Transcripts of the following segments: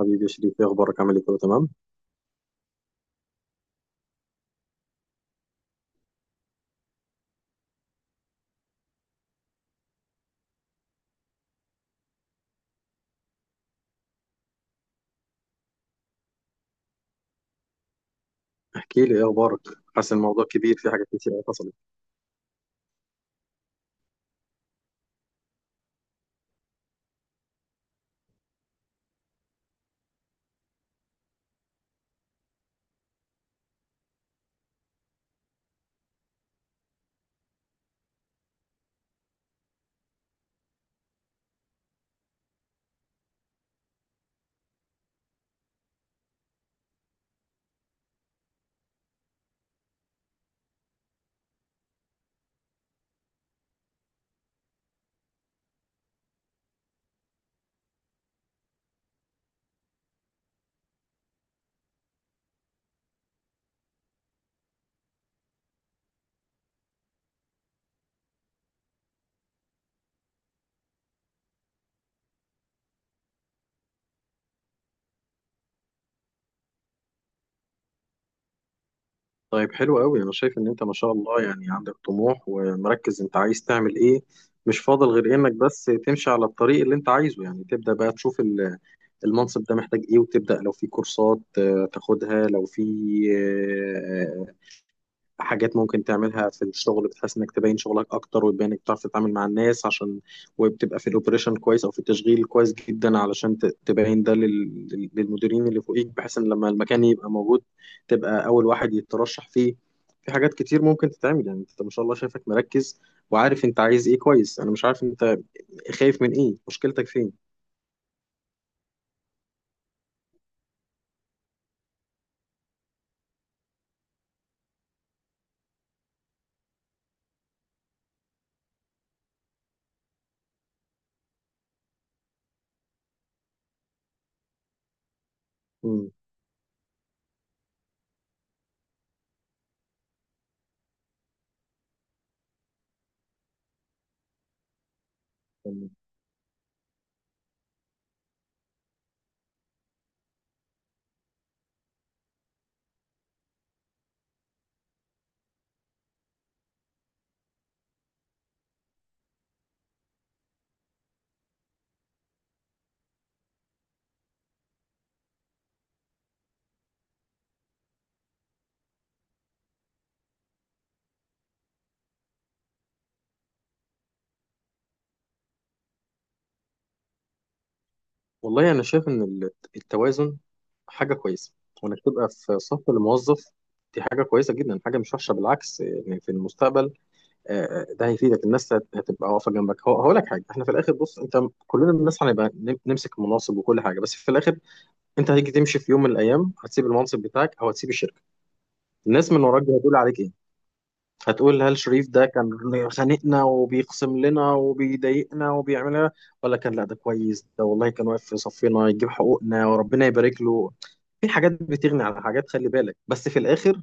حبيبي يا شريف، ايه اخبارك؟ عامل ايه؟ كله تمام؟ احكي لي ايه اخبارك. حاسس الموضوع كبير، في حاجات كتير قوي حصلت. طيب، حلو قوي. انا شايف ان انت ما شاء الله عندك طموح ومركز، انت عايز تعمل ايه؟ مش فاضل غير انك بس تمشي على الطريق اللي انت عايزه، تبدا بقى تشوف المنصب ده محتاج ايه، وتبدا لو في كورسات تاخدها، لو في آه، حاجات ممكن تعملها في الشغل بتحس انك تبين شغلك اكتر، وتبين انك بتعرف تتعامل مع الناس، عشان وبتبقى في الاوبريشن كويس او في التشغيل كويس جدا، علشان تبين ده للمديرين اللي فوقيك، بحيث ان لما المكان يبقى موجود تبقى اول واحد يترشح فيه. في حاجات كتير ممكن تتعمل. انت ما شاء الله شايفك مركز وعارف انت عايز ايه، كويس. انا مش عارف انت خايف من ايه، مشكلتك فين؟ مم. والله أنا شايف إن التوازن حاجة كويسة، وإنك تبقى في صف الموظف دي حاجة كويسة جدا، حاجة مش وحشة بالعكس. في المستقبل ده هيفيدك، الناس هتبقى واقفة جنبك. هقول لك حاجة، إحنا في الآخر، بص أنت كلنا الناس هنبقى نمسك مناصب وكل حاجة، بس في الآخر أنت هتيجي تمشي في يوم من الأيام، هتسيب المنصب بتاعك أو هتسيب الشركة، الناس من وراك دي هتقول عليك إيه؟ هتقول هل شريف ده كان خانقنا وبيقسم لنا وبيضايقنا وبيعمل لنا، ولا كان لا ده كويس، ده والله كان واقف في صفنا يجيب حقوقنا وربنا يبارك له. في حاجات بتغني على حاجات، خلي بالك. بس في الاخر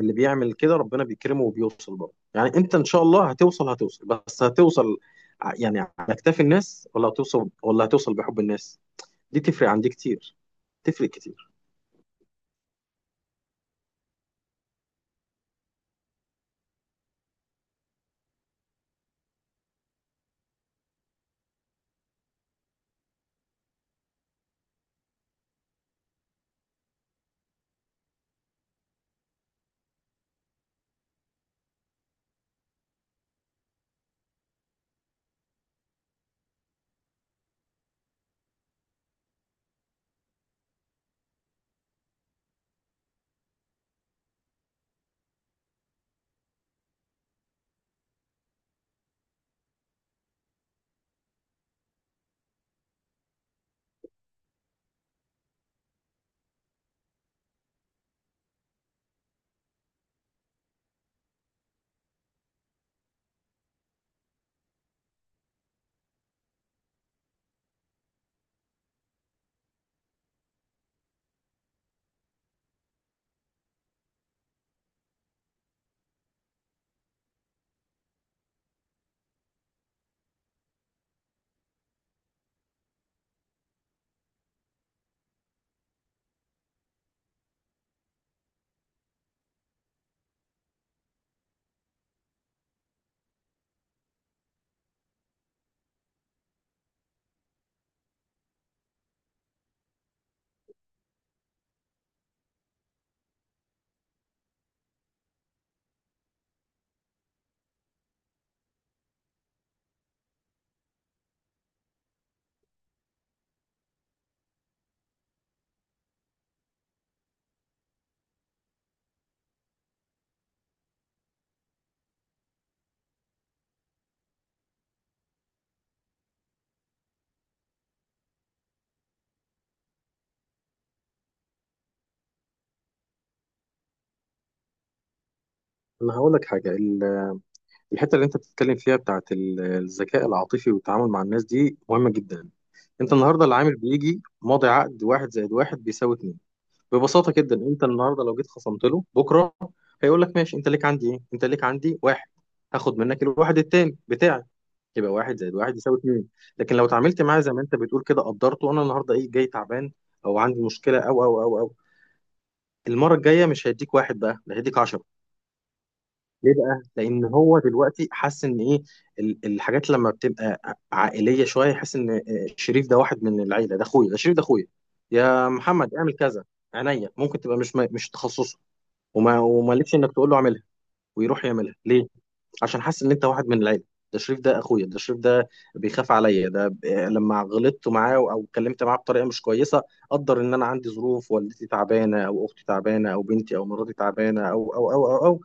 اللي بيعمل كده ربنا بيكرمه وبيوصل، برضه انت ان شاء الله هتوصل، هتوصل، بس هتوصل على اكتاف الناس، ولا هتوصل، ولا هتوصل بحب الناس؟ دي تفرق عندي كتير، تفرق كتير. انا هقول لك حاجه، الحته اللي انت بتتكلم فيها بتاعت الذكاء العاطفي والتعامل مع الناس دي مهمه جدا. انت النهارده العامل بيجي ماضي عقد، واحد زائد واحد بيساوي اتنين. ببساطه جدا انت النهارده لو جيت خصمت له، بكره هيقول لك ماشي، انت ليك عندي ايه؟ انت ليك عندي واحد، هاخد منك الواحد التاني بتاعي، يبقى واحد زائد واحد يساوي اتنين. لكن لو اتعاملت معاه زي ما انت بتقول كده، قدرته، انا النهارده ايه جاي تعبان او عندي مشكله او، المره الجايه مش هيديك واحد بقى، ده هيديك 10. ليه بقى؟ لأن هو دلوقتي حاسس إن إيه، الحاجات لما بتبقى عائلية شوية يحس إن شريف ده واحد من العيلة، ده أخويا، ده شريف، ده أخويا، يا محمد اعمل كذا، عينيا ممكن تبقى مش تخصصه، ومالكش إنك تقول له اعملها ويروح يعملها. ليه؟ عشان حاسس إن أنت واحد من العيلة، ده شريف ده أخويا، ده شريف ده بيخاف عليا. ده لما غلطت معاه أو اتكلمت معاه بطريقة مش كويسة، قدر إن أنا عندي ظروف، والدتي تعبانة أو أختي تعبانة أو بنتي أو مراتي تعبانة أو.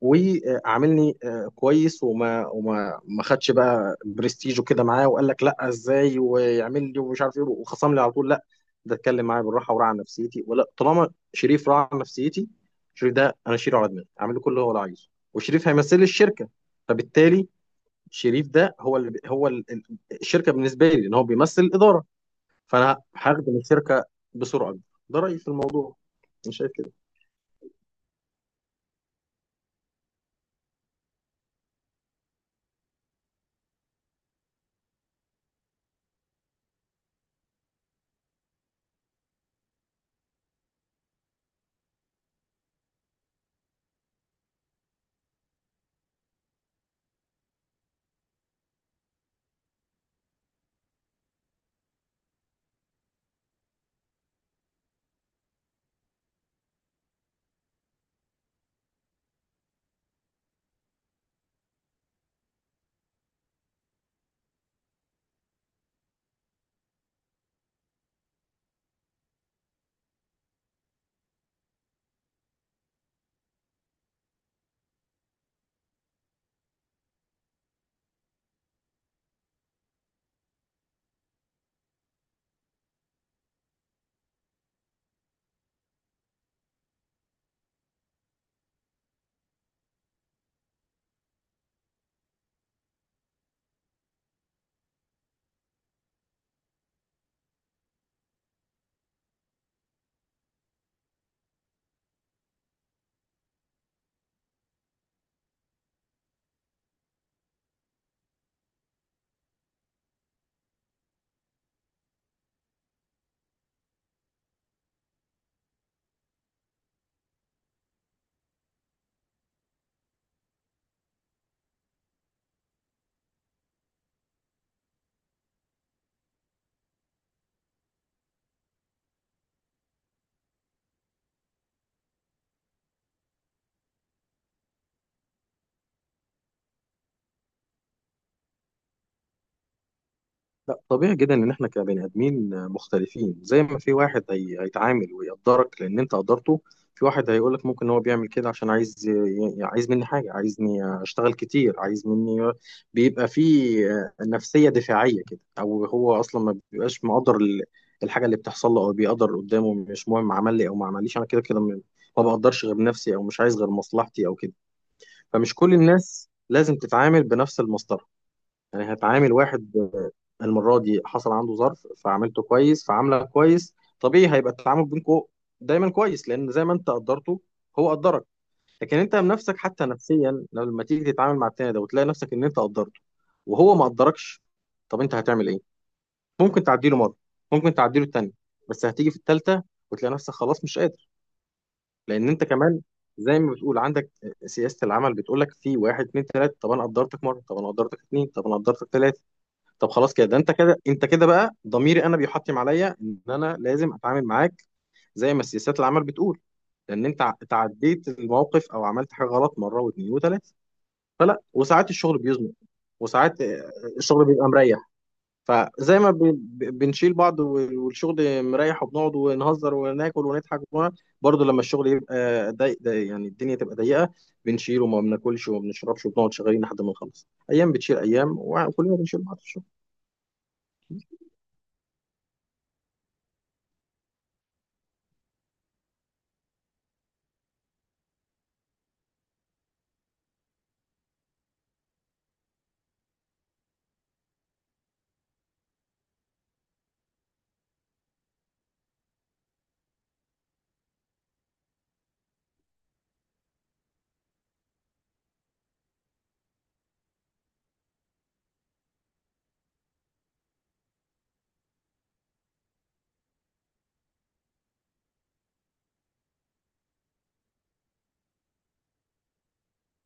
وعاملني كويس، وما وما ما خدش بقى برستيج وكده معاه، وقال لك لا ازاي ويعمل لي ومش عارف ايه وخصم لي على طول، لا ده اتكلم معايا بالراحه وراعى نفسيتي، ولا طالما شريف راعى نفسيتي، شريف ده انا شيله على دماغي، اعمل له كل اللي هو عايزه، وشريف هيمثل لي الشركه، فبالتالي شريف ده هو اللي هو الشركه بالنسبه لي، لان هو بيمثل الاداره، فانا هخدم الشركه بسرعه أكبر. ده رايي في الموضوع، مش شايف؟ لا، طبيعي جدا ان احنا كبني ادمين مختلفين. زي ما في واحد هيتعامل ويقدرك لان انت قدرته، في واحد هيقولك ممكن هو بيعمل كده عشان عايز عايز مني حاجه، عايزني اشتغل كتير، عايز مني، بيبقى في نفسيه دفاعيه كده، او هو اصلا ما بيبقاش مقدر الحاجه اللي بتحصل له، او بيقدر قدامه مش مهم، عمل لي او ما عمليش انا كده كده ما بقدرش غير نفسي، او مش عايز غير مصلحتي، او كده. فمش كل الناس لازم تتعامل بنفس المصدر. هتعامل واحد المرة دي حصل عنده ظرف، فعملته كويس، فعامله كويس، طبيعي هيبقى التعامل بينكم دايما كويس، لأن زي ما أنت قدرته هو قدرك. لكن أنت بنفسك حتى نفسيا لما تيجي تتعامل مع التاني ده وتلاقي نفسك إن أنت قدرته وهو ما قدركش، طب أنت هتعمل إيه؟ ممكن تعديله مرة، ممكن تعديله التانية، بس هتيجي في التالتة وتلاقي نفسك خلاص مش قادر. لأن أنت كمان زي ما بتقول عندك سياسة العمل بتقول لك في واحد اتنين تلاتة، طب أنا قدرتك مرة، طب أنا قدرتك اتنين، طب أنا قدرتك تلاتة، طب خلاص كده، ده انت كده، انت كده بقى ضميري انا بيحطم عليا ان انا لازم اتعامل معاك زي ما سياسات العمل بتقول، لان انت تعديت الموقف او عملت حاجه غلط مره واثنين وثلاثه. فلا، وساعات الشغل بيزنق، وساعات الشغل بيبقى مريح، فزي ما بنشيل بعض، والشغل مريح وبنقعد ونهزر وناكل ونضحك ونقعد، برضه لما الشغل يبقى يعني الدنيا تبقى ضيقه، بنشيل وما بناكلش وما بنشربش وبنقعد شغالين لحد ما نخلص، ايام بتشيل ايام وكلنا بنشيل بعض.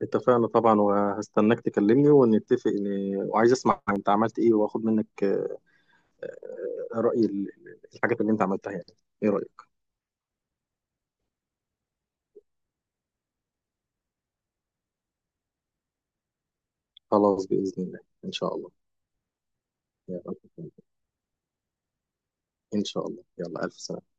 اتفقنا طبعا، وهستناك تكلمني ونتفق وعايز اسمع انت عملت ايه، واخد منك رأي الحاجات اللي انت عملتها يعني. ايه رأيك؟ خلاص بإذن الله. ان شاء الله. يا رب. ان شاء الله، يلا الف سلامة.